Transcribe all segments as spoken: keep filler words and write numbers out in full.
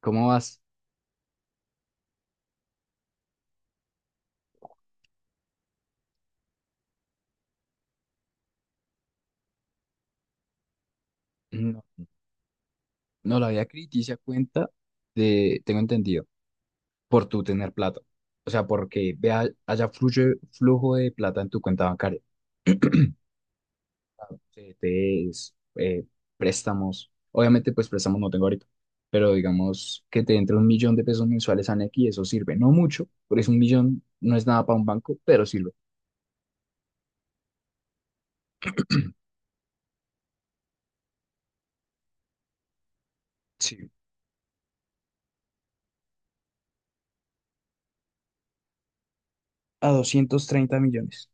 ¿Cómo vas? No, no la había que se cuenta de, tengo entendido, por tu tener plata. O sea, porque vea, haya flujo flujo de plata en tu cuenta bancaria. C D Ts, eh, préstamos. Obviamente, pues préstamos no tengo ahorita. Pero digamos que te entre un millón de pesos mensuales a Nequi, eso sirve. No mucho, pero es un millón, no es nada para un banco, pero sirve. Sí. A doscientos treinta millones.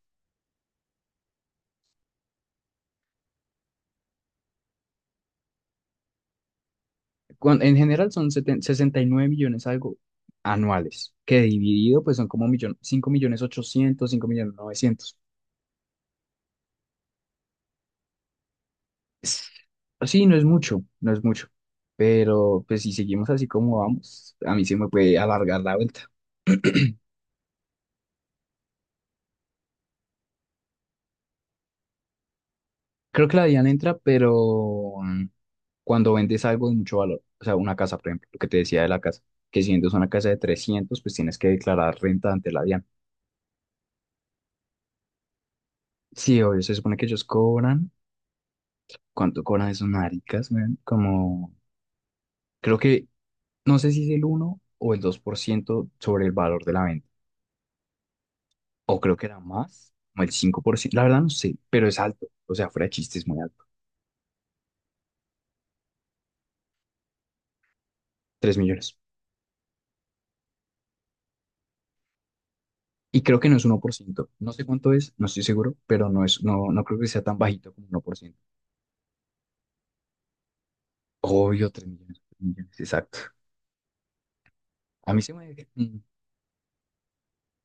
cuan- En general son seten- sesenta y nueve millones algo anuales, que dividido pues son como millón, cinco millones ochocientos cinco millones novecientos. Es- Sí, no es mucho, no es mucho, pero pues si seguimos así como vamos, a mí se me puede alargar la vuelta. Creo que la DIAN entra, pero mm, cuando vendes algo de mucho valor, o sea, una casa, por ejemplo, lo que te decía de la casa, que si vendes una casa de trescientos pues tienes que declarar renta ante la DIAN. Sí, obvio, se supone que ellos cobran. ¿Cuánto cobran esos maricas, man? Como, creo que, no sé si es el uno o el dos por ciento sobre el valor de la venta. O creo que era más, como el cinco por ciento. La verdad no sé, pero es alto. O sea, fuera de chiste, es muy alto. Tres millones. Y creo que no es uno por ciento. No sé cuánto es, no estoy seguro, pero no es, no, no creo que sea tan bajito como uno por ciento. Obvio, tres millones, tres millones, exacto. A mí se me, mm,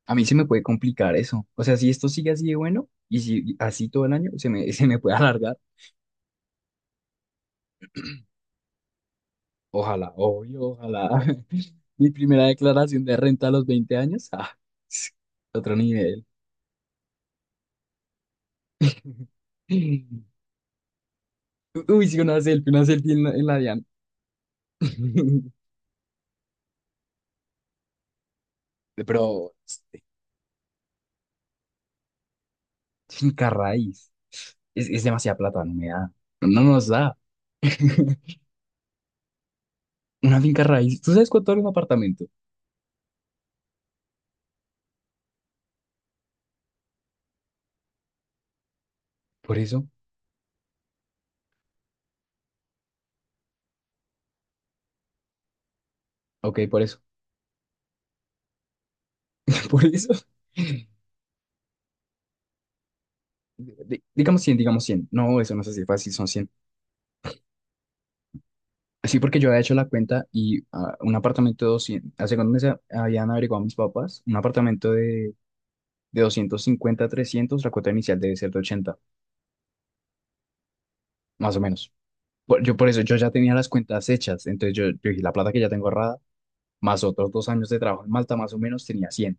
a mí se me puede complicar eso. O sea, si esto sigue así de bueno y si así todo el año, se me, se me puede alargar. Ojalá, obvio, ojalá. Mi primera declaración de renta a los veinte años. Ah, otro nivel. Uy, sí, una selfie, una selfie en la, en la DIAN. Pero, este, finca raíz. Es, es demasiada plata, no me da. No nos da. Una finca raíz. ¿Tú sabes cuánto vale un apartamento? Por eso. Ok, por eso. Por eso. Di- digamos cien, digamos cien. No, eso no es así fácil, son cien. Sí, porque yo había hecho la cuenta y ah, un apartamento de doscientos hace cuando me meses habían averiguado mis papás, un apartamento de, de doscientos cincuenta a trescientos, la cuota inicial debe ser de ochenta más o menos. Por- yo por eso, yo ya tenía las cuentas hechas, entonces yo, yo dije, la plata que ya tengo ahorrada, más otros dos años de trabajo en Malta, más o menos tenía cien,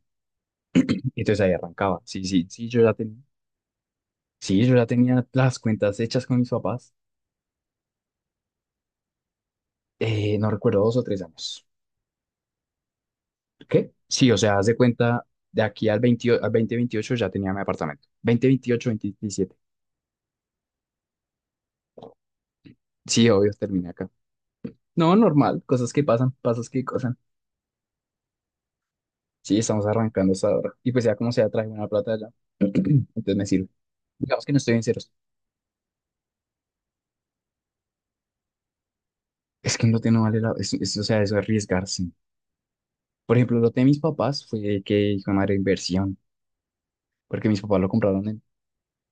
y entonces ahí arrancaba. Sí, sí, sí, yo ya tenía, sí, yo ya tenía las cuentas hechas con mis papás. Eh, no recuerdo, dos o tres años. ¿Qué? Sí, o sea, haz de cuenta, de aquí al veintio al dos mil veintiocho ya tenía mi apartamento. dos mil veintiocho, veintisiete. Sí, obvio, terminé acá. No, normal, cosas que pasan, pasos que pasan. Sí, estamos arrancando hasta ahora. Y pues ya como sea, traje una plata allá. Entonces me sirve. Digamos que no estoy en ceros. Es que no te no vale la. Es, es- o sea, eso es arriesgarse. Por ejemplo, lo de mis papás fue que hijo de madre inversión. Porque mis papás lo compraron en,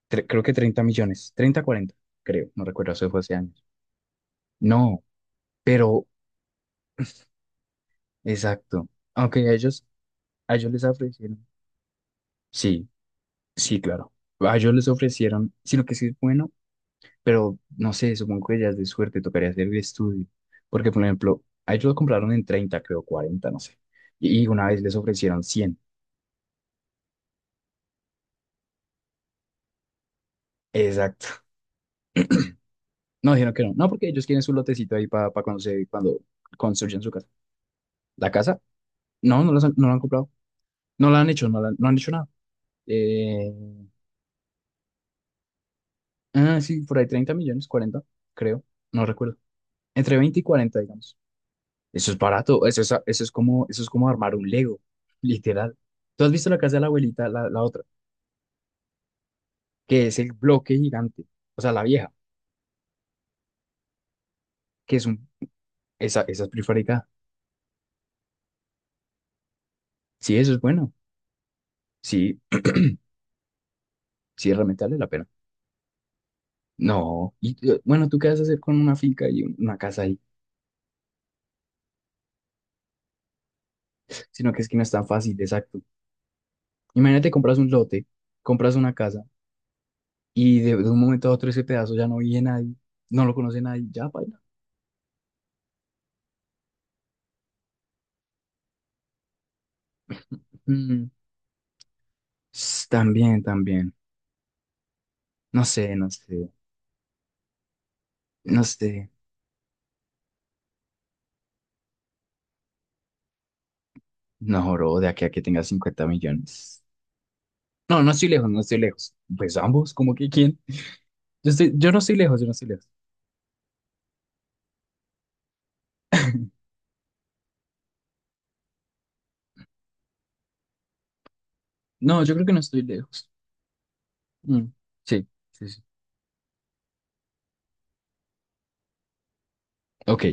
tre- creo que treinta millones. Treinta, cuarenta creo. No recuerdo, eso fue hace años. No, pero, exacto. Aunque ellos... A ellos les ofrecieron. Sí, sí, claro. A ellos les ofrecieron, sino que sí es bueno, pero no sé, supongo que ya es de suerte, tocaría hacer el estudio. Porque, por ejemplo, a ellos lo compraron en treinta creo, cuarenta no sé. Y, y una vez les ofrecieron cien. Exacto. No, dijeron que no. No, porque ellos quieren su lotecito ahí para cuando, se- cuando construyan su casa. ¿La casa? No, no, los han- no la han comprado. No la han hecho, no, la- no han hecho nada. Eh, ah, sí, por ahí treinta millones, cuarenta creo. No recuerdo. Entre veinte y cuarenta digamos. Eso es barato, eso es, eso es como, eso es como armar un Lego, literal. ¿Tú has visto la casa de la abuelita, la, la otra, que es el bloque gigante, o sea, la vieja, que es un, esa, esa es prefabricada? Sí, eso es bueno, sí, sí, realmente vale la pena. No, y eh, bueno, ¿tú qué vas a hacer con una finca y un- una casa ahí? Sino que es que no es tan fácil, exacto. Imagínate, compras un lote, compras una casa y de, de un momento a otro ese pedazo ya no vive nadie, no lo conoce nadie, ya, paila. Mm, s- también, también, no sé, no sé. No sé, no, bro, de aquí a que tenga cincuenta millones. No, no estoy lejos, no estoy lejos. Pues ambos, como que ¿quién? Yo estoy, yo no estoy lejos, yo no estoy lejos. No, yo creo que no estoy lejos. Mm, sí, sí, sí. Ok,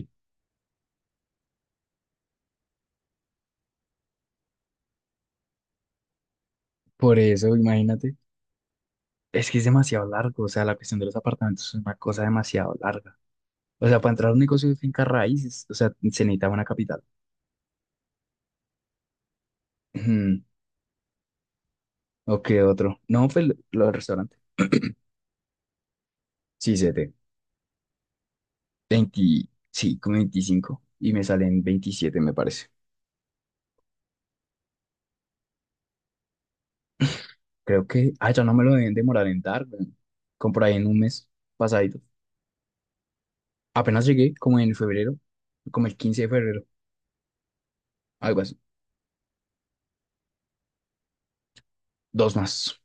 por eso, imagínate. Es que es demasiado largo, o sea, la cuestión de los apartamentos es una cosa demasiado larga. O sea, para entrar a un negocio de finca raíces, o sea, se necesita una capital. Ujú, ok, otro. No, pues lo del restaurante. Sí, siete. veinte, sí, como veinticinco. Y me salen veintisiete me parece. Creo que, ah, ya no me lo deben demorar en dar, weón. Como por ahí en un mes pasadito. Apenas llegué, como en febrero, como el quince de febrero, algo así. Dos más.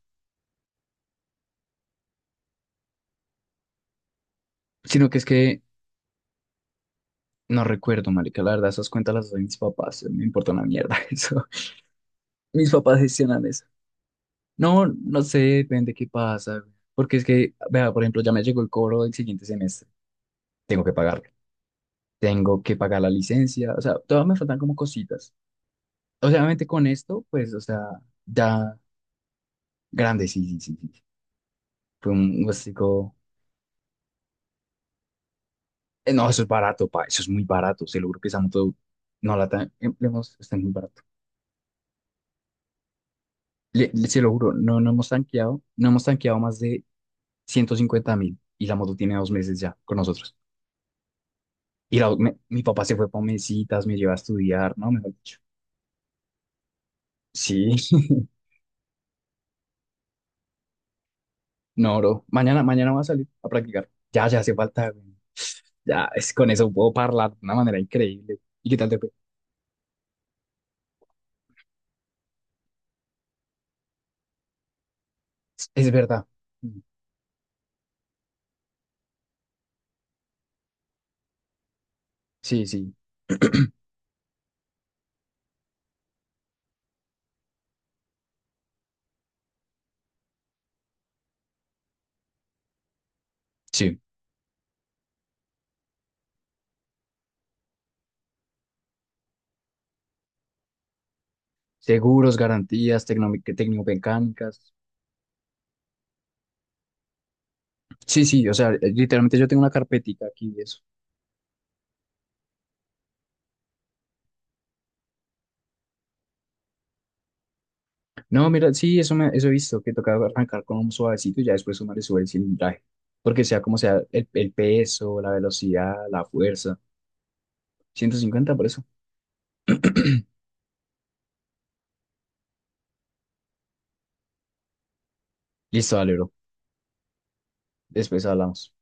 Sino que es que no recuerdo, marica, la verdad, esas cuentas las hacen mis papás, me importa una mierda eso. Mis papás gestionan eso. No, no sé, depende qué pasa, güey. Porque es que, vea, por ejemplo, ya me llegó el cobro del siguiente semestre. Tengo que pagarlo. Tengo que pagar la licencia. O sea, todavía me faltan como cositas. O sea, obviamente con esto, pues, o sea, ya grande, sí, sí, sí, sí. Fue un gustico. Eh, no, eso es barato, pa. Eso es muy barato. Se lo juro que esa moto no la tan- eh, le hemos, está muy barato. Le- le- se lo juro, no, no hemos tanqueado, no hemos tanqueado más de ciento cincuenta mil y la moto tiene dos meses ya con nosotros. Y la- me- mi papá se fue para mesitas, me lleva a estudiar, ¿no? Mejor dicho. Sí, no, bro. Mañana, mañana voy a salir a practicar. Ya, ya hace falta, güey. Ya, es con eso puedo hablar de una manera increíble. ¿Y qué tal te fue? Es verdad. Mm. Sí, sí, sí. Seguros, garantías, tecno- técnico-mecánicas. Sí, sí, o sea, eh, literalmente yo tengo una carpetica aquí de eso. No, mira, sí, eso, me, eso he visto, que toca arrancar con un suavecito y ya después uno le sube el cilindraje. Porque sea como sea, el, el peso, la velocidad, la fuerza. Ciento cincuenta por eso. Listo, dale, bro. Después hablamos.